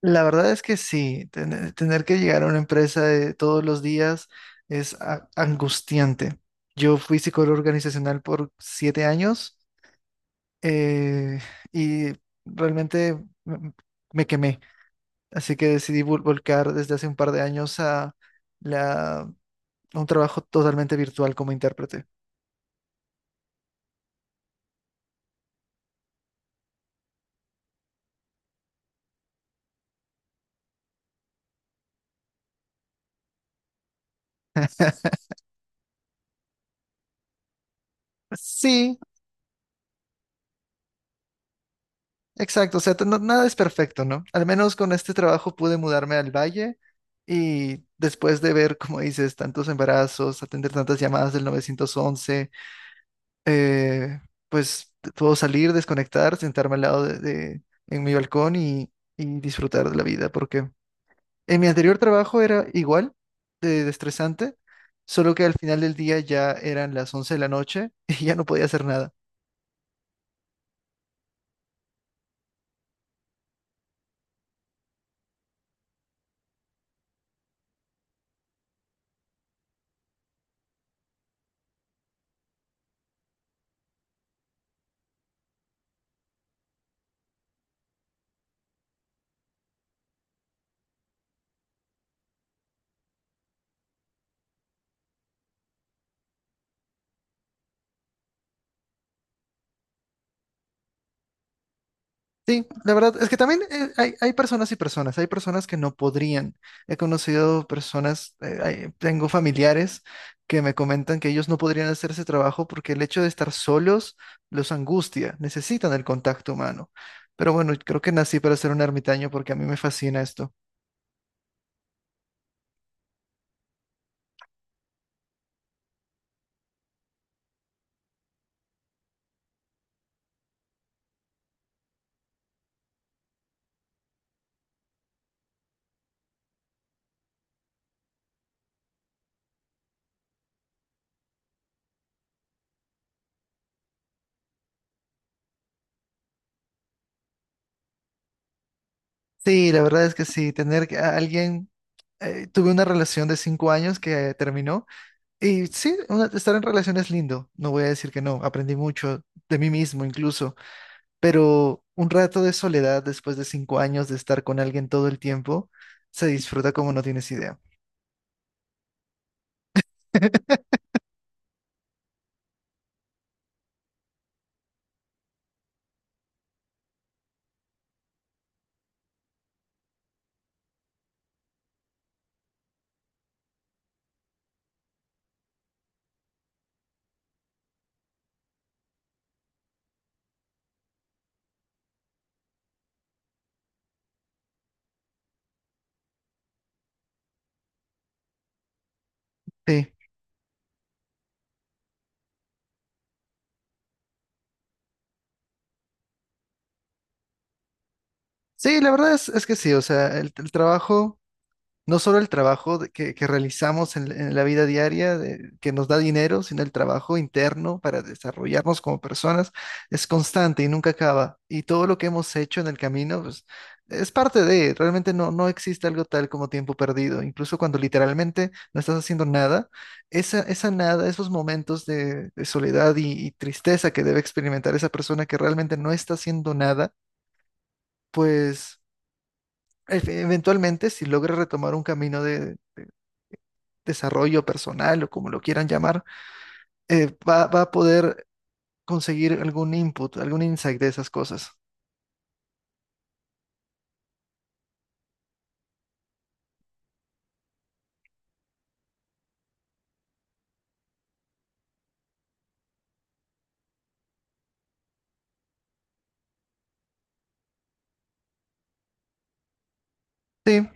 La verdad es que sí, tener que llegar a una empresa de todos los días es angustiante. Yo fui psicólogo organizacional por 7 años, eh, y realmente me, me quemé, así que decidí volcar desde hace un par de años a un trabajo totalmente virtual como intérprete. Sí, exacto, o sea, nada es perfecto, ¿no? Al menos con este trabajo pude mudarme al valle y después de ver, como dices, tantos embarazos, atender tantas llamadas del 911, eh, pues puedo salir, desconectar, sentarme al lado en mi balcón, y disfrutar de la vida, porque en mi anterior trabajo era igual de estresante, solo que al final del día ya eran las 11 de la noche y ya no podía hacer nada. Sí, la verdad es que también, hay personas y personas, hay personas que no podrían. He conocido personas, tengo familiares que me comentan que ellos no podrían hacer ese trabajo porque el hecho de estar solos los angustia, necesitan el contacto humano. Pero bueno, creo que nací para ser un ermitaño porque a mí me fascina esto. Sí, la verdad es que sí, tener que- a alguien, tuve una relación de 5 años que terminó, y sí, estar en relación es lindo, no voy a decir que no, aprendí mucho de mí mismo incluso, pero un rato de soledad después de 5 años de estar con alguien todo el tiempo se disfruta como no tienes idea. Sí, sí, la verdad es que sí, o sea, el trabajo. No solo el trabajo que realizamos en la vida diaria, que nos da dinero, sino el trabajo interno para desarrollarnos como personas es constante y nunca acaba. Y todo lo que hemos hecho en el camino, pues, es parte realmente no existe algo tal como tiempo perdido. Incluso cuando literalmente no estás haciendo nada, esa nada, esos momentos de soledad y tristeza que debe experimentar esa persona que realmente no está haciendo nada, pues... Eventualmente, si logra retomar un camino de desarrollo personal o como lo quieran llamar, va a poder conseguir algún input, algún insight de esas cosas. Sí,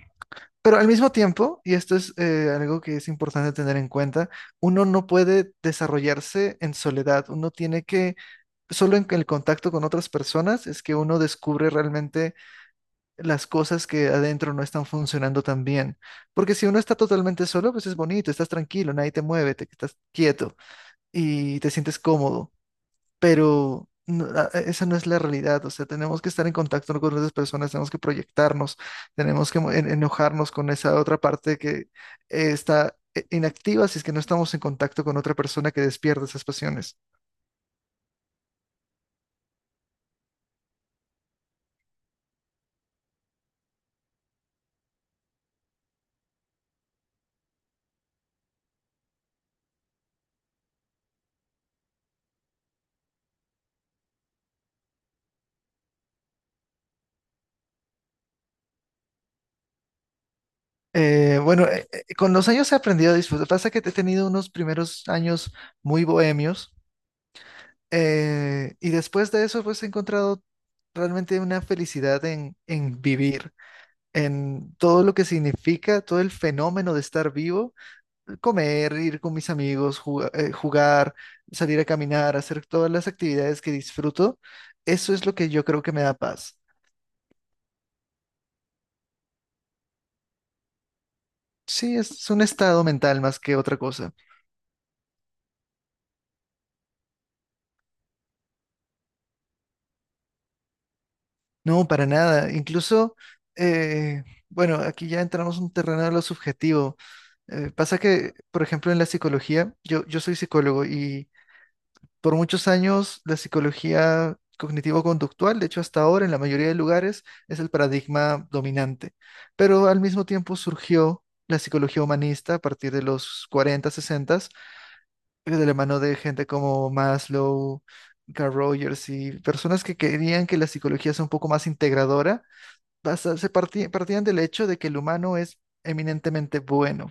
pero al mismo tiempo, y esto es, algo que es importante tener en cuenta, uno no puede desarrollarse en soledad, solo en el contacto con otras personas es que uno descubre realmente las cosas que adentro no están funcionando tan bien. Porque si uno está totalmente solo, pues es bonito, estás tranquilo, nadie te mueve, te estás quieto y te sientes cómodo. Pero esa no es la realidad. O sea, tenemos que estar en contacto con otras personas, tenemos que proyectarnos, tenemos que enojarnos con esa otra parte que está inactiva si es que no estamos en contacto con otra persona que despierta esas pasiones. Bueno, con los años he aprendido a disfrutar. Pasa que he tenido unos primeros años muy bohemios, y después de eso pues he encontrado realmente una felicidad en vivir, en todo lo que significa, todo el fenómeno de estar vivo, comer, ir con mis amigos, jugar, salir a caminar, hacer todas las actividades que disfruto. Eso es lo que yo creo que me da paz. Sí, es un estado mental más que otra cosa. No, para nada. Incluso, eh, bueno, aquí ya entramos en un terreno de lo subjetivo. Pasa que, por ejemplo, en la psicología, yo soy psicólogo, y por muchos años la psicología cognitivo-conductual, de hecho hasta ahora en la mayoría de lugares, es el paradigma dominante. Pero al mismo tiempo surgió la psicología humanista a partir de los 40 60, de la mano de gente como Maslow. Carl Rogers y personas que querían que la psicología sea un poco más integradora, partían del hecho de que el humano es eminentemente bueno.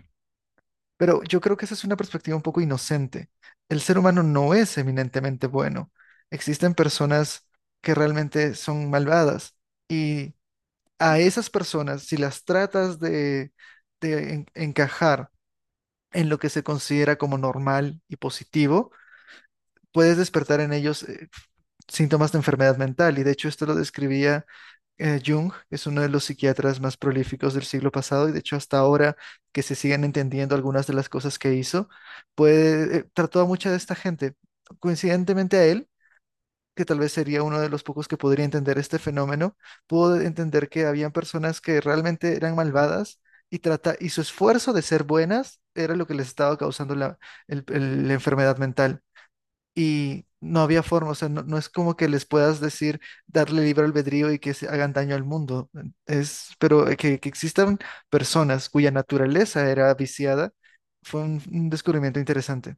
Pero yo creo que esa es una perspectiva un poco inocente. El ser humano no es eminentemente bueno. Existen personas que realmente son malvadas, y a esas personas, si las tratas de encajar en lo que se considera como normal y positivo, puedes despertar en ellos, síntomas de enfermedad mental. Y de hecho esto lo describía, Jung, que es uno de los psiquiatras más prolíficos del siglo pasado y de hecho hasta ahora que se siguen entendiendo algunas de las cosas que hizo, pues trató a mucha de esta gente. Coincidentemente a él, que tal vez sería uno de los pocos que podría entender este fenómeno, pudo entender que habían personas que realmente eran malvadas, y, y su esfuerzo de ser buenas era lo que les estaba causando la enfermedad mental, y no había forma, o sea, no es como que les puedas decir, darle libre albedrío y que se hagan daño al mundo, pero que existan personas cuya naturaleza era viciada, fue un descubrimiento interesante.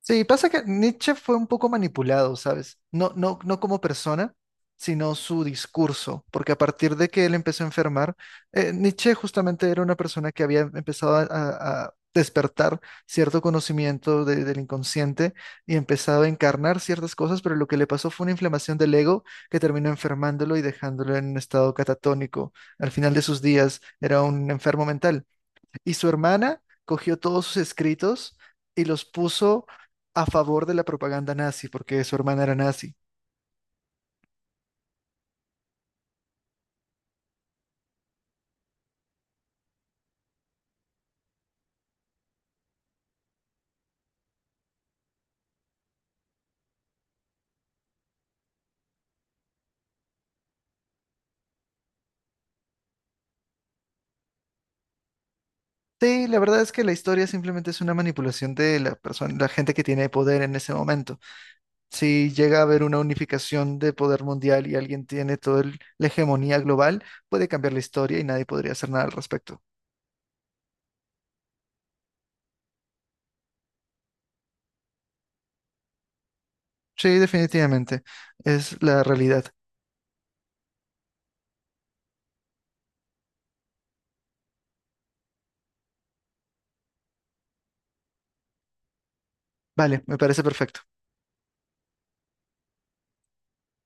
Sí, pasa que Nietzsche fue un poco manipulado, ¿sabes? No, no, no como persona, sino su discurso, porque a partir de que él empezó a enfermar, Nietzsche justamente era una persona que había empezado a despertar cierto conocimiento del inconsciente y empezaba a encarnar ciertas cosas, pero lo que le pasó fue una inflamación del ego que terminó enfermándolo y dejándolo en un estado catatónico. Al final de sus días era un enfermo mental. Y su hermana cogió todos sus escritos y los puso a favor de la propaganda nazi, porque su hermana era nazi. Sí, la verdad es que la historia simplemente es una manipulación de la persona, la gente que tiene poder en ese momento. Si llega a haber una unificación de poder mundial y alguien tiene toda la hegemonía global, puede cambiar la historia y nadie podría hacer nada al respecto. Sí, definitivamente. Es la realidad. Vale, me parece perfecto.